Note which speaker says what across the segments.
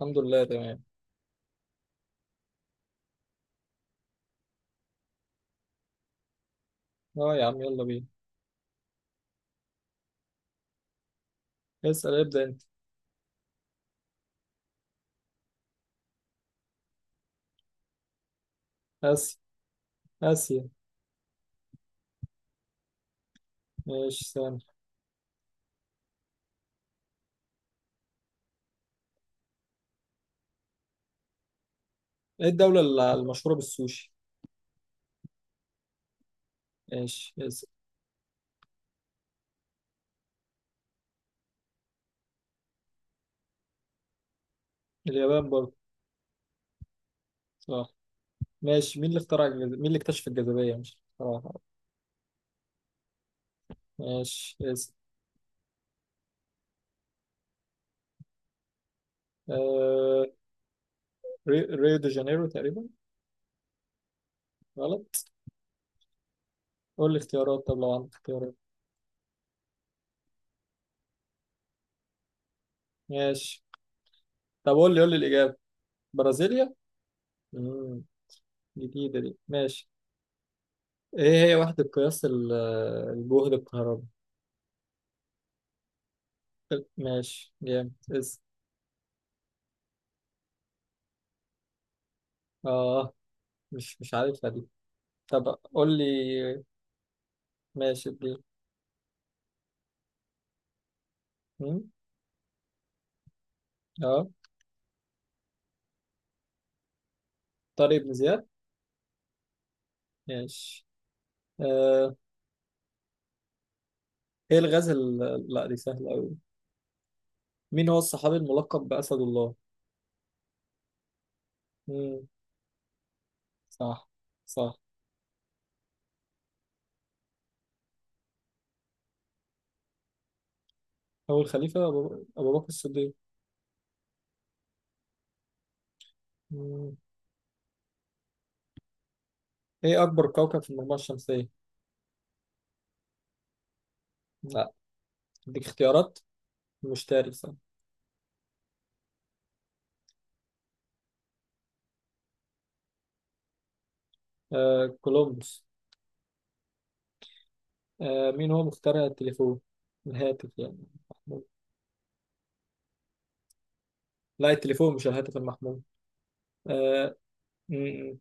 Speaker 1: الحمد لله، تمام. اه يا عم، يلا بينا. اسأل، ابدأ انت. اسيا. اسيا. ماشي، سامع. ايه الدولة المشهورة بالسوشي؟ ماشي، اسأل. اليابان برضه. صح. ماشي. مين اللي اكتشف الجاذبية؟ مش صراحة؟ ماشي، اسأل. آه... ريو دي جانيرو تقريبا. غلط. قول لي اختيارات، طب لو عندك اختيارات. ماشي، طب قول لي، قول لي الإجابة. برازيليا. امم، جديدة دي. ماشي. ايه هي وحدة قياس الجهد الكهربي؟ ماشي، جامد. اسأل. اه، مش عارفها دي. طب قول لي، ماشي دي. مم؟ اه، طارق بن زياد. ماشي. آه، ايه لا دي سهلة أوي. مين هو الصحابي الملقب بأسد الله؟ مم. صح. صح. أول خليفة، أبو بكر الصديق. مم. ايه أكبر كوكب في المجموعة الشمسية؟ لا، اديك اختيارات. المشتري، صح. آه، كولومبوس. آه، مين هو مخترع التليفون؟ الهاتف يعني، المحمول. لا، التليفون مش الهاتف المحمول. آه،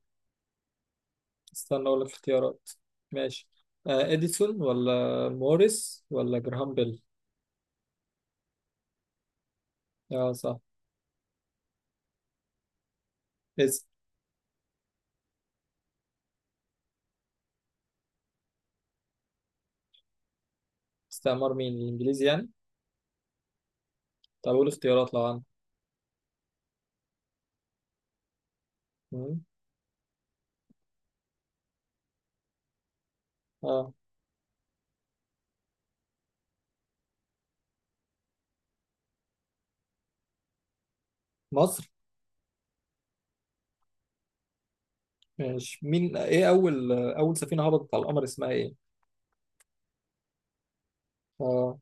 Speaker 1: استنى اقول لك اختيارات. ماشي، آه، اديسون ولا موريس ولا جراهام بيل. اه صح. اسم. استعمار مين، الانجليزي يعني؟ طب اقول اختيارات لو عندك. مم. اه، مصر. ماشي. ايه اول سفينة هبطت على القمر اسمها ايه؟ اه،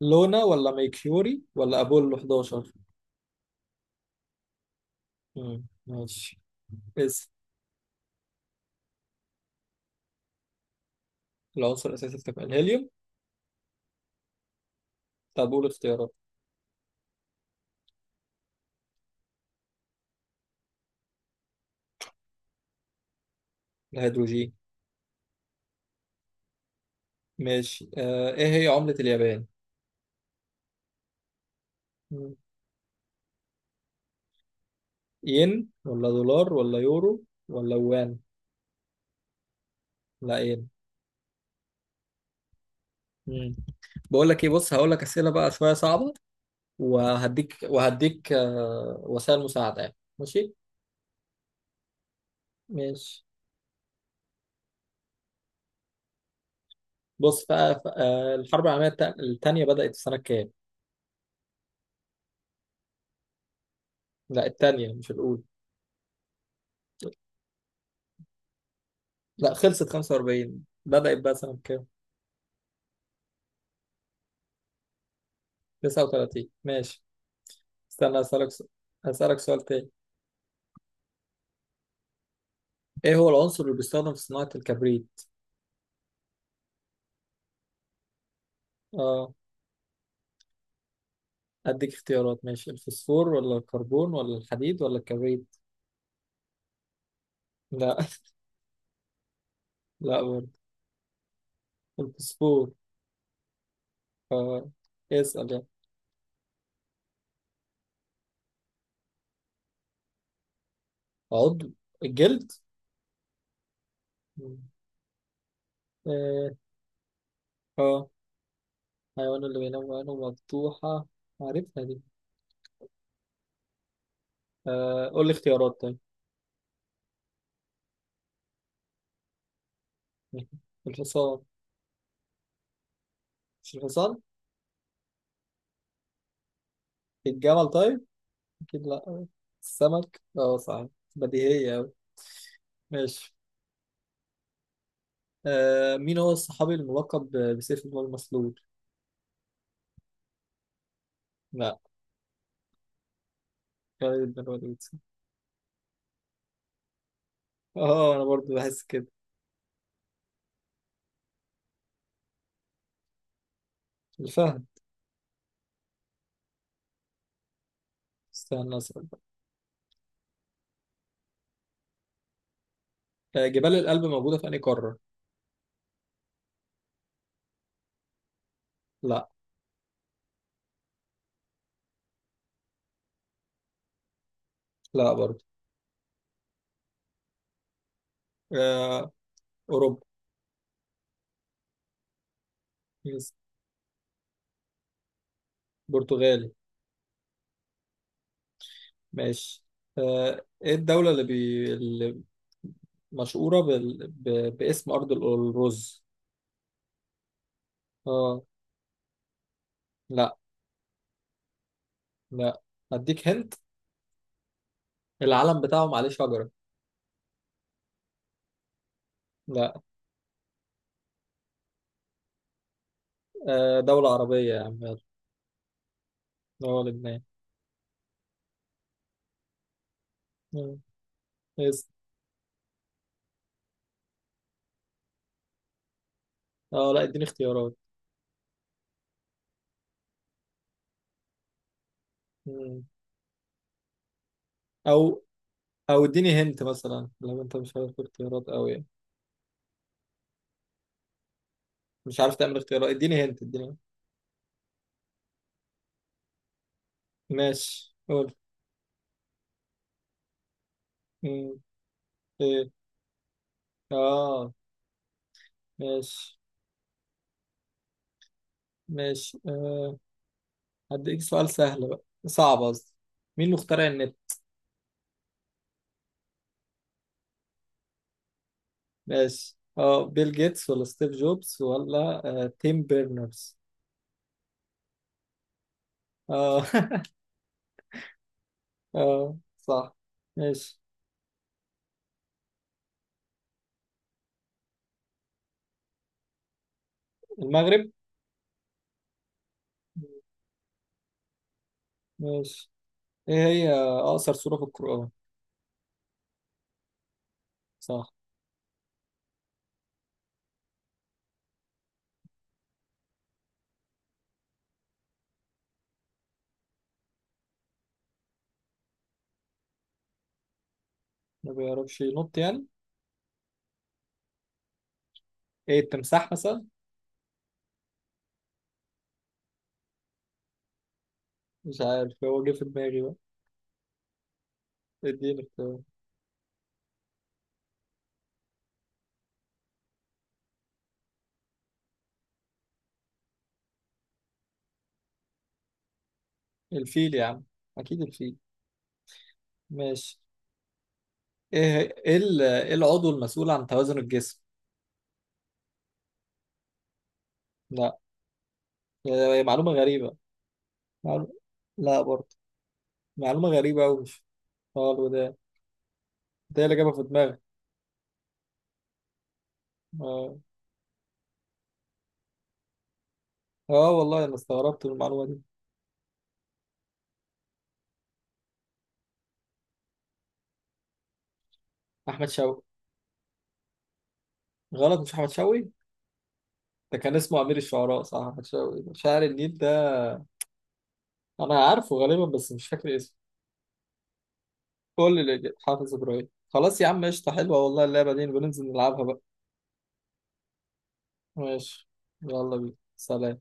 Speaker 1: لونا ولا ميكيوري ولا ابولو 11؟ مم، ماشي. اسم. العنصر الاساسي في تفاعل الهيليوم. طب قول اختيارات. الهيدروجين. ماشي. آه، ايه هي عملة اليابان؟ مم. ين ولا دولار ولا يورو ولا وان. لا ايه. مم. بقول لك ايه، بص، هقول لك اسئله بقى شويه صعبه، وهديك وسائل مساعده يعني، ماشي؟ ماشي. بص بقى، الحرب العالميه التانيه بدات في سنه كام؟ لا، التانيه مش الاولى. لا، خلصت 45، بدات بقى سنه كام؟ 39. ماشي، استنى اسالك سؤال تاني. ايه هو العنصر اللي بيستخدم في صناعه الكبريت؟ اه، اديك اختيارات. ماشي، الفوسفور ولا الكربون ولا الحديد ولا الكبريت. لا. لا برضه. الفوسفور. اه. اسأل يعني. عضو؟ الجلد. مم. اه. آه، حيوان اللي بينام وعينه مفتوحة، عارفها دي. آه، قول لي اختيارات طيب. الحصان. مش الحصان؟ الجمل طيب؟ أكيد لأ. السمك، اه صح. بديهية أوي. ماشي. آه، مين هو الصحابي الملقب بسيف الله المسلول؟ لأ. خالد بن الوليد. اه، أنا برضو بحس كده. الفهد. استنى أسأل بقى. آه، جبال الألب موجودة في أنهي قارة؟ لأ. لأ برضو. آه، أوروبا. يس. برتغالي. ماشي. آه، ايه الدولة اللي مشهورة باسم أرض الرز. اه. لا. لا. هديك هنت. العلم بتاعهم عليه شجرة. لا. آه، دولة عربية يا عم، يلا. اه، لبنان. مم. يس. اه لا، اديني اختيارات. مم. أو، أو اديني هنت مثلا لو أنت مش عارف اختيارات أوي يعني. مش عارف تعمل اختيارات، اديني هنت، اديني. ماشي قول. مم. ايه. اه. ماشي. ماشي. آه، هديك سؤال سهل بقى، صعب قصدي. مين اللي اخترع النت؟ ماشي، اه، بيل جيتس ولا ستيف جوبز ولا آه تيم بيرنرز. اه. اه صح. ماشي. المغرب. ماشي. ايه هي اقصر سورة في القرآن؟ صح. ما بيعرفش ينط يعني؟ ايه، التمساح مثلا. مش عارف، هو جه في دماغي بقى. اديني اختيار. الفيل يا عم، اكيد الفيل. ماشي. إيه العضو المسؤول عن توازن الجسم؟ لا. هي معلومة غريبة. معلو... لا برضه. معلومة غريبة أوي، مش. اه، الوداد. ده هي اللي جابها في دماغي. اه. اه والله، أنا استغربت من المعلومة دي. أحمد شوقي. غلط؟ مش أحمد شوقي؟ ده كان اسمه أمير الشعراء، صح؟ أحمد شوقي شاعر النيل ده. أنا عارفه غالبا بس مش فاكر اسمه. قول لي الإجابة. حافظ إبراهيم، خلاص يا عم، قشطة. حلوة والله، اللعبة دي نبقى ننزل نلعبها بقى. ماشي، يلا بينا، سلام.